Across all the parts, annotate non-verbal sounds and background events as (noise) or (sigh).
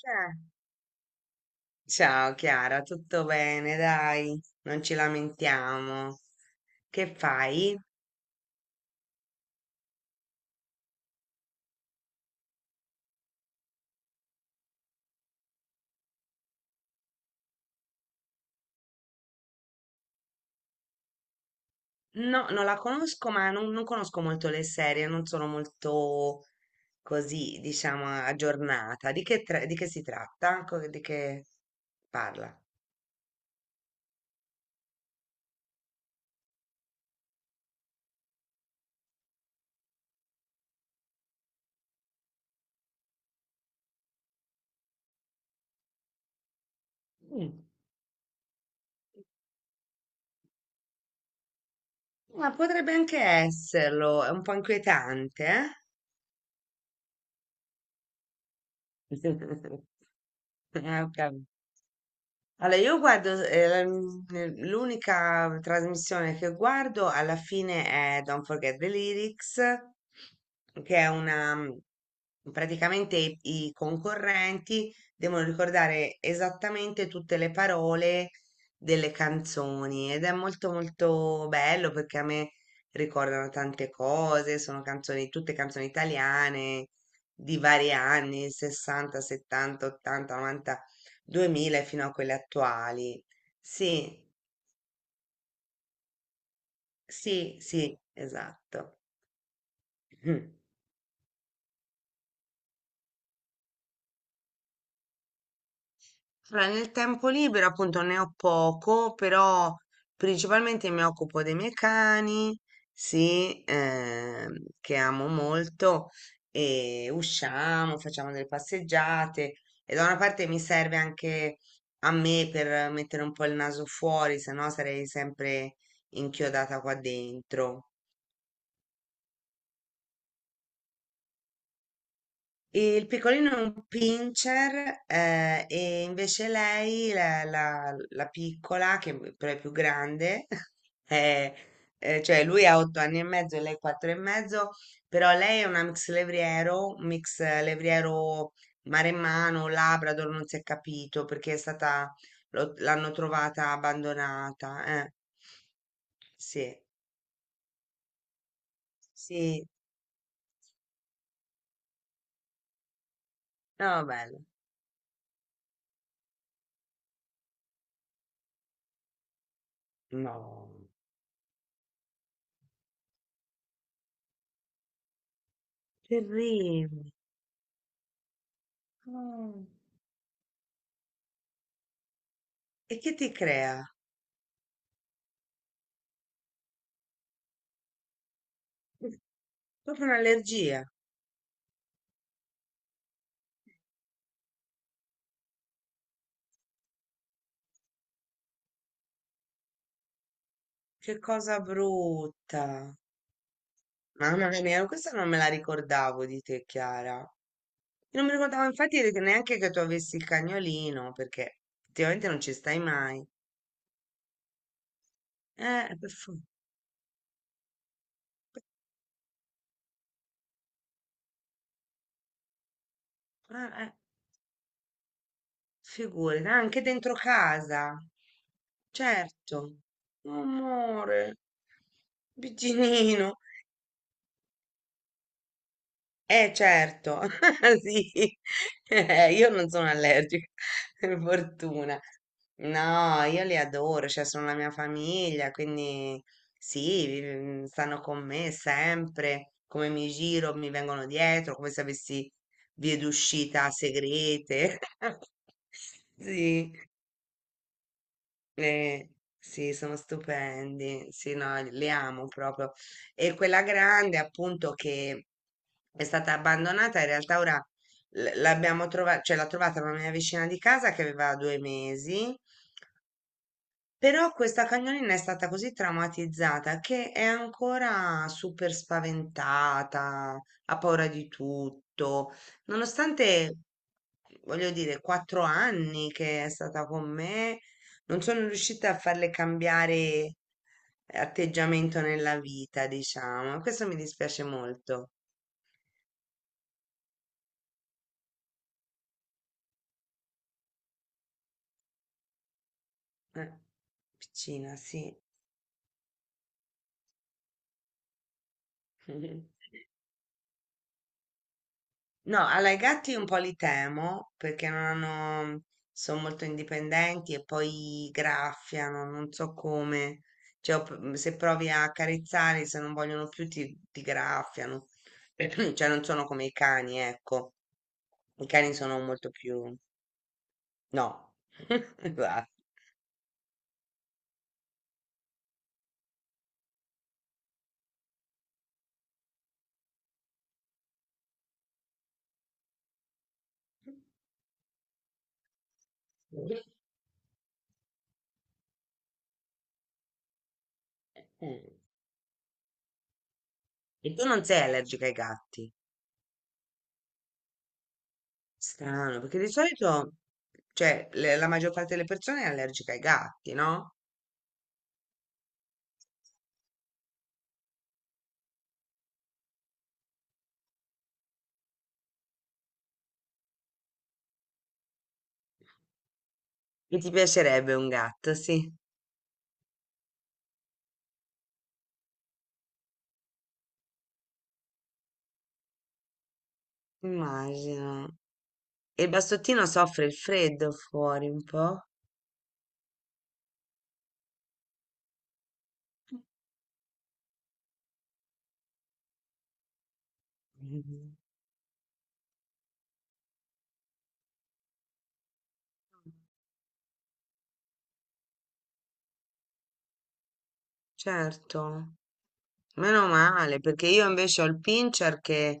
Cioè, ciao Chiara, tutto bene, dai, non ci lamentiamo. Che fai? No, non la conosco, ma non conosco molto le serie, non sono molto così, diciamo, aggiornata. Di che, di che si tratta? Di che parla? Mm. Ma potrebbe anche esserlo, è un po' inquietante, eh? (laughs) Ah, ok. Allora, io guardo, l'unica trasmissione che guardo alla fine è Don't Forget the Lyrics, che è una, praticamente i concorrenti devono ricordare esattamente tutte le parole delle canzoni ed è molto molto bello perché a me ricordano tante cose, sono canzoni, tutte canzoni italiane di vari anni, 60, 70, 80, 90, 2000 fino a quelle attuali. Sì, sì, sì, esatto. Mhm. Allora, nel tempo libero appunto ne ho poco, però principalmente mi occupo dei miei cani, sì, che amo molto, e usciamo, facciamo delle passeggiate e da una parte mi serve anche a me per mettere un po' il naso fuori, se no sarei sempre inchiodata qua dentro. E il piccolino è un pincher, e invece lei, la piccola, che è però è più grande, (laughs) è- cioè lui ha 8 anni e mezzo e lei quattro e mezzo, però lei è una mix levriero, un mix levriero maremmano, Labrador, non si è capito perché è stata, l'hanno trovata abbandonata. Eh. Sì, sì, no, bello. No, terribile. E che ti crea? Proprio un'allergia. Che cosa brutta. Mamma mia, questa non me la ricordavo di te, Chiara. Non mi ricordavo infatti neanche che tu avessi il cagnolino, perché effettivamente non ci stai mai. Eh, per fu- eh, eh, figurati, anche dentro casa. Certo. Amore, Biginino. Eh certo, (laughs) sì, io non sono allergica, (laughs) per fortuna. No, io li adoro, cioè sono la mia famiglia, quindi sì, stanno con me sempre, come mi giro, mi vengono dietro, come se avessi vie d'uscita segrete. (laughs) Sì. Eh, sì, sono stupendi, sì, no, li amo proprio. E quella grande, appunto, che è stata abbandonata, in realtà ora l'abbiamo trovata, cioè l'ha trovata una mia vicina di casa che aveva 2 mesi. Però questa cagnolina è stata così traumatizzata che è ancora super spaventata, ha paura di tutto, nonostante, voglio dire, 4 anni che è stata con me, non sono riuscita a farle cambiare atteggiamento nella vita, diciamo. Questo mi dispiace molto. Eh, piccina, sì. (laughs) No, allora i gatti un po' li temo perché non hanno, sono molto indipendenti e poi graffiano, non so come. Cioè, se provi a accarezzarli, se non vogliono più, ti graffiano. (clears throat) Cioè, non sono come i cani, ecco. I cani sono molto più... No. (laughs) Guarda. E tu non sei allergica ai gatti? Strano, perché di solito, cioè, la maggior parte delle persone è allergica ai gatti, no? E ti piacerebbe un gatto, sì, immagino. E il bastottino soffre il freddo fuori un po'? Mhm. Certo, meno male, perché io invece ho il pincher che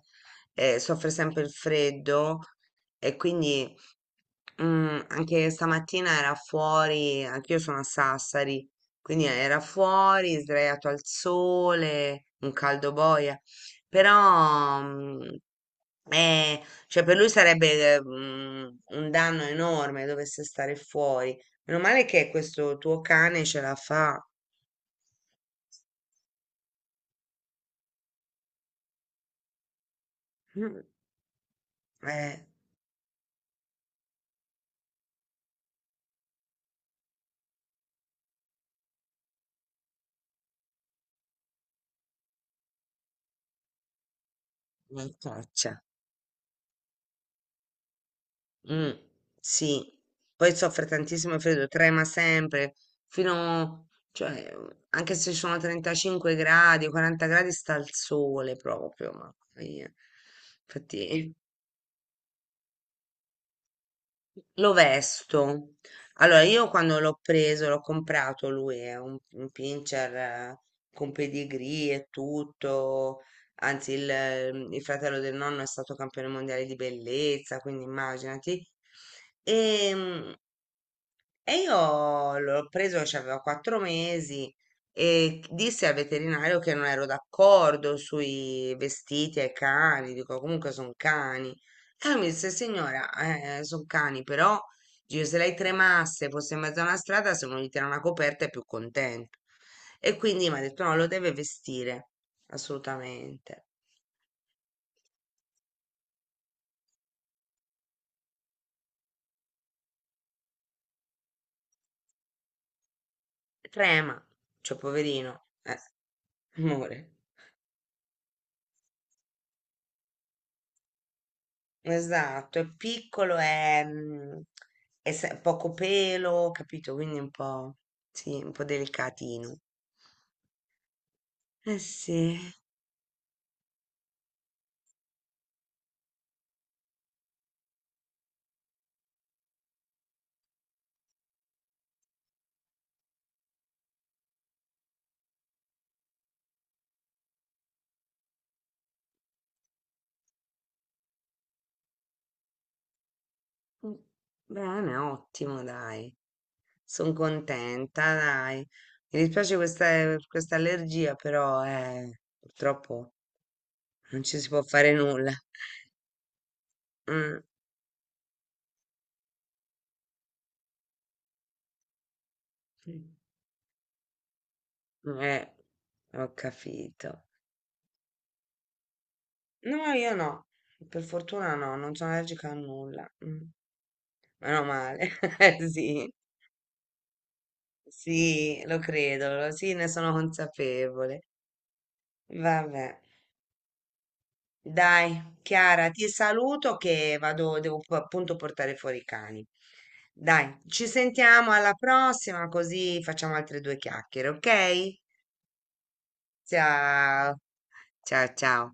soffre sempre il freddo e quindi anche stamattina era fuori, anch'io sono a Sassari, quindi era fuori, sdraiato al sole, un caldo boia, però cioè per lui sarebbe un danno enorme dovesse stare fuori. Meno male che questo tuo cane ce la fa. Mm. Eh, una caccia. Mm, sì. Poi soffre tantissimo il freddo, trema sempre, fino, cioè, anche se sono 35 gradi, 40 gradi sta al sole proprio, ma via. Infatti, lo vesto. Allora, io quando l'ho preso, l'ho comprato lui, è un pincher, con pedigree e tutto. Anzi, il fratello del nonno è stato campione mondiale di bellezza, quindi immaginati. E, e io l'ho preso che aveva 4 mesi e disse al veterinario che non ero d'accordo sui vestiti ai cani, dico comunque sono cani. E lui mi disse, signora, sono cani, però dice, se lei tremasse, fosse in mezzo a una strada, se uno gli tira una coperta è più contento. E quindi mi ha detto, no, lo deve vestire, assolutamente. Trema, cioè poverino, amore. Esatto, è piccolo, è poco pelo, capito? Quindi un po', sì, un po' delicatino. Eh sì, mm, bene, ottimo, dai. Sono contenta, dai. Mi dispiace questa allergia, però purtroppo non ci si può fare nulla. Mm, eh, ho capito. No, io no. Per fortuna no, non sono allergica a nulla. Mm. Meno male. (laughs) Sì. Sì, lo credo, sì, ne sono consapevole. Vabbè, dai, Chiara, ti saluto che vado, devo appunto portare fuori i cani. Dai, ci sentiamo alla prossima, così facciamo altre due chiacchiere, ok? Ciao, ciao, ciao.